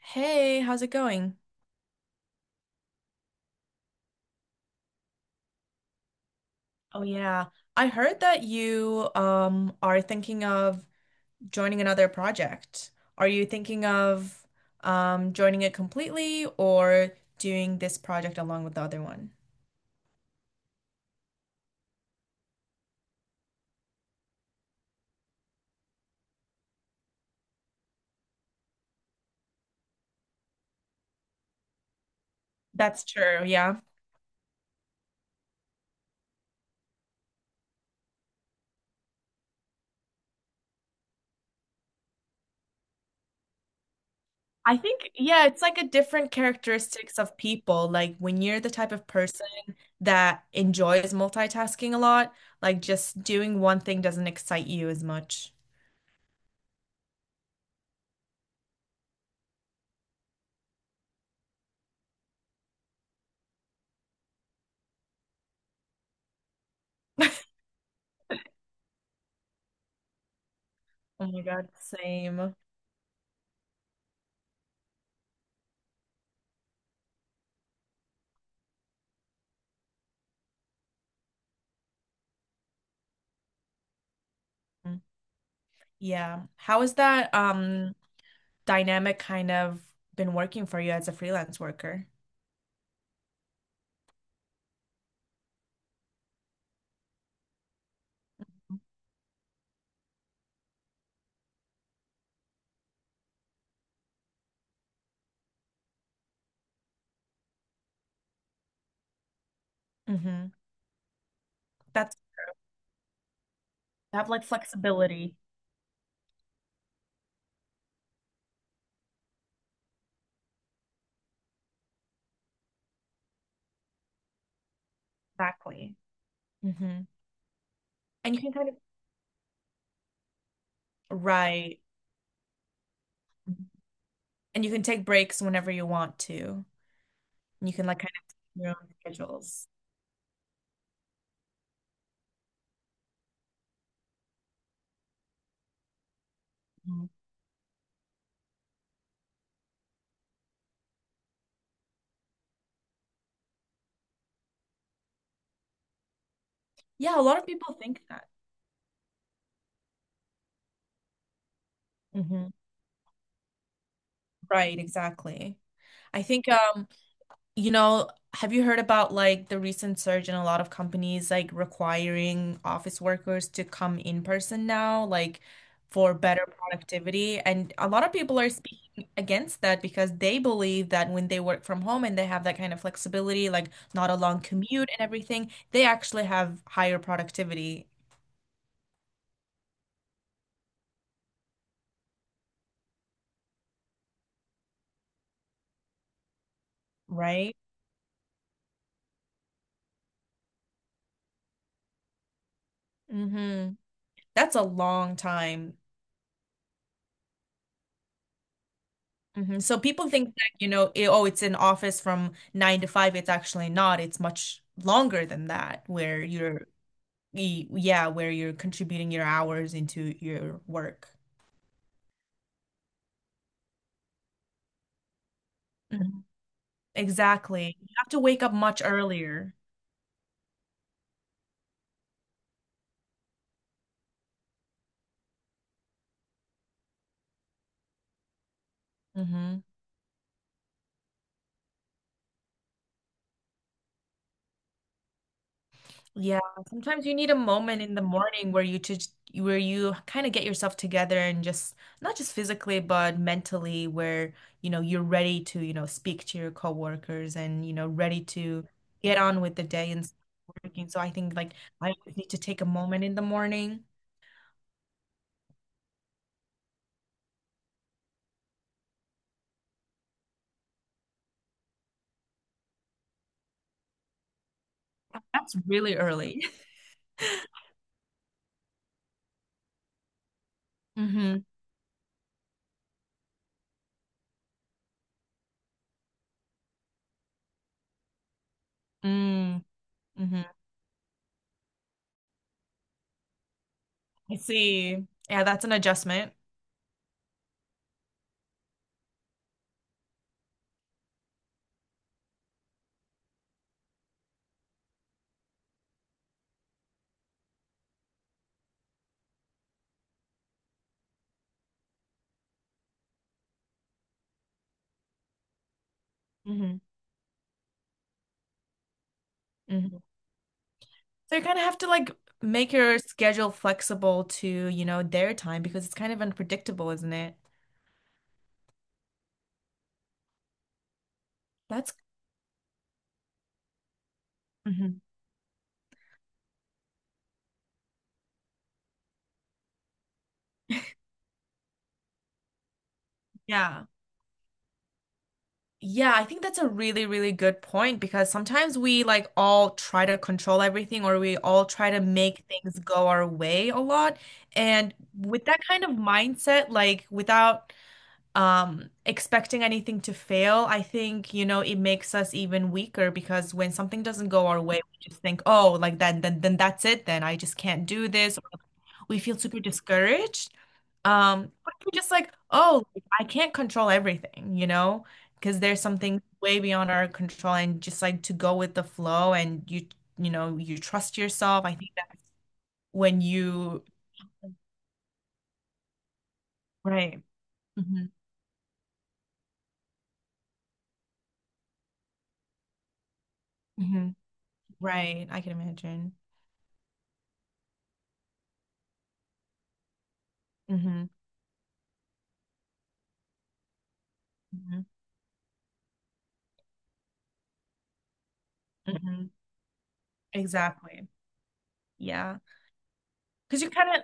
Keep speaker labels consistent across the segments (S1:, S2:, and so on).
S1: Hey, how's it going? Oh yeah, I heard that you are thinking of joining another project. Are you thinking of joining it completely or doing this project along with the other one? That's true, yeah. I think, yeah, it's like a different characteristics of people. Like when you're the type of person that enjoys multitasking a lot, like just doing one thing doesn't excite you as much. Oh my God, same. Yeah. How has that dynamic kind of been working for you as a freelance worker? Mm-hmm. That's You have like flexibility. Exactly. Mm-hmm. And you can kind of right. And you can take breaks whenever you want to. And you can like kind of your own schedules. Mhm. Yeah, a lot of people think that. Hmm. Right, exactly. I think, you know, have you heard about like the recent surge in a lot of companies like requiring office workers to come in person now, like for better productivity? And a lot of people are speaking against that because they believe that when they work from home and they have that kind of flexibility, like not a long commute and everything, they actually have higher productivity, right? Mm-hmm. That's a long time. Hmm. So people think that, you know, it, oh, it's an office from nine to five. It's actually not. It's much longer than that, where you're contributing your hours into your work. Mhm. Exactly. You have to wake up much earlier. Hmm. Yeah, sometimes you need a moment in the morning where you kind of get yourself together and just not just physically but mentally, where you know you're ready to speak to your coworkers and ready to get on with the day and start working. So I think, like, I always need to take a moment in the morning. That's really early. Mm-hmm. Mm, hmm, mm, hmm. I see. Yeah, that's an adjustment. Hmm, hmm. So you kind of have to like make your schedule flexible to, you know, their time because it's kind of unpredictable, isn't it? That's, Mhm. Yeah. Yeah, I think that's a really, really good point because sometimes we like all try to control everything, or we all try to make things go our way a lot. And with that kind of mindset, like without expecting anything to fail, I think, you know, it makes us even weaker, because when something doesn't go our way, we just think, oh, like then that's it, then I just can't do this, we feel super discouraged. But if we're just like, oh, I can't control everything, you know, because there's something way beyond our control, and just like to go with the flow, and you trust yourself. I think that when you, right, hmm, hmm, right, I can imagine. Hmm, hmm, hmm. Exactly. Yeah, because you kind of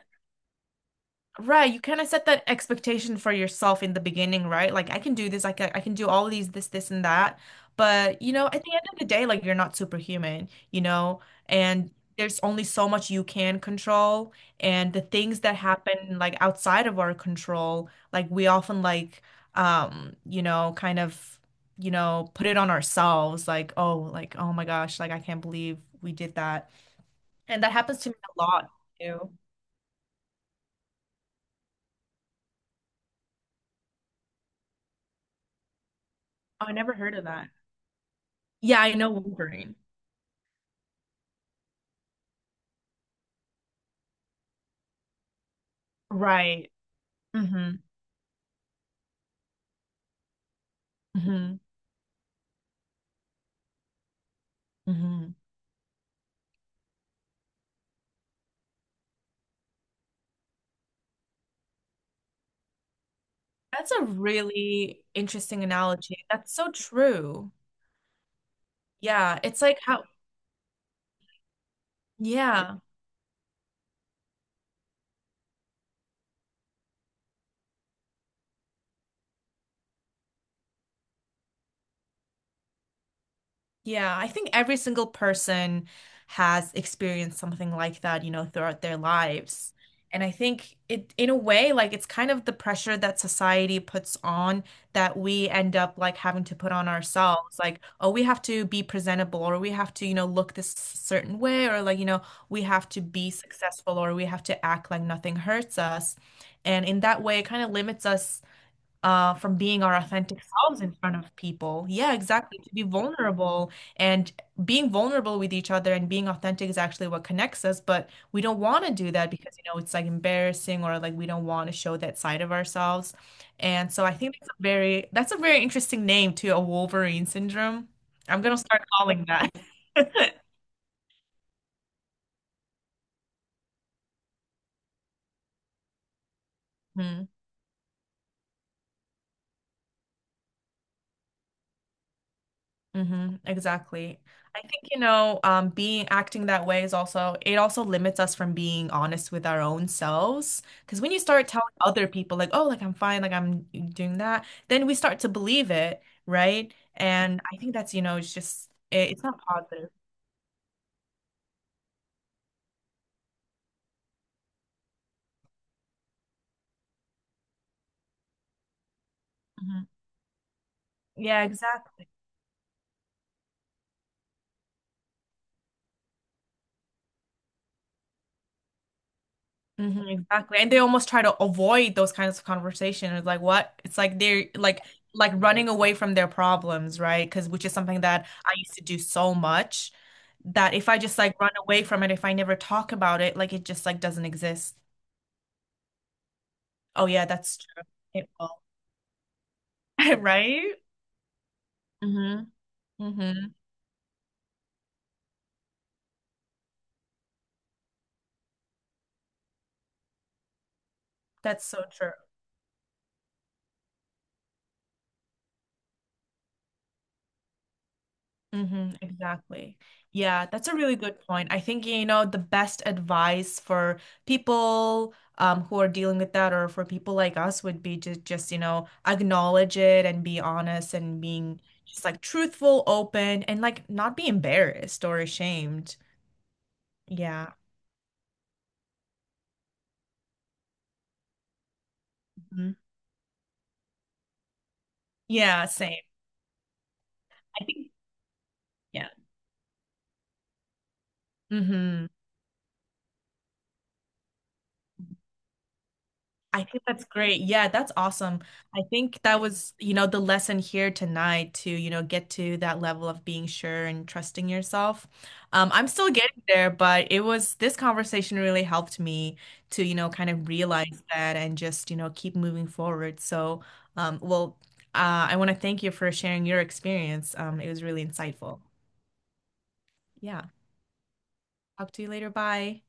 S1: right, you kind of set that expectation for yourself in the beginning, right? Like I can do this, I can do all these, this and that. But, you know, at the end of the day, like you're not superhuman, you know, and there's only so much you can control, and the things that happen like outside of our control, like we often like you know, kind of, you know, put it on ourselves like oh my gosh, like I can't believe we did that. And that happens to me a lot too. Oh, I never heard of that. Yeah, I know Wolverine. Right. Hmm, hmm, hmm. That's a really interesting analogy. That's so true. Yeah, it's like how, yeah. Yeah, I think every single person has experienced something like that, you know, throughout their lives. And I think it, in a way, like it's kind of the pressure that society puts on that we end up like having to put on ourselves. Like, oh, we have to be presentable, or we have to, you know, look this certain way, or like, you know, we have to be successful, or we have to act like nothing hurts us. And in that way, it kind of limits us, from being our authentic selves in front of people. Yeah, exactly. To be vulnerable and being vulnerable with each other and being authentic is actually what connects us, but we don't want to do that because, you know, it's like embarrassing or like we don't want to show that side of ourselves. And so I think that's a very interesting name too, a Wolverine syndrome. I'm gonna start calling that. Hmm. Hmm, exactly. I think, you know, being acting that way is also, it also limits us from being honest with our own selves. Because when you start telling other people, like, oh, like I'm fine, like I'm doing that, then we start to believe it, right? And I think that's, you know, it's just, it's not positive. Mhm. Yeah, exactly. Mhm, exactly. And they almost try to avoid those kinds of conversations. It's like what? It's like they're like running away from their problems, right? Because which is something that I used to do so much that if I just like run away from it, if I never talk about it, like it just like doesn't exist. Oh yeah, that's true. It will. Right? Mm-hmm. Mm-hmm. That's so true. Mm-hmm, exactly. Yeah, that's a really good point. I think, you know, the best advice for people, who are dealing with that, or for people like us, would be to just, you know, acknowledge it and be honest and being just like truthful, open, and like not be embarrassed or ashamed. Yeah. Mhm. Yeah, same. I think, yeah. Mm-hmm. I think that's great. Yeah, that's awesome. I think that was, you know, the lesson here tonight, to, you know, get to that level of being sure and trusting yourself. I'm still getting there, but it was this conversation really helped me to, you know, kind of realize that and just, you know, keep moving forward. So, well, I want to thank you for sharing your experience. It was really insightful. Yeah. Talk to you later. Bye.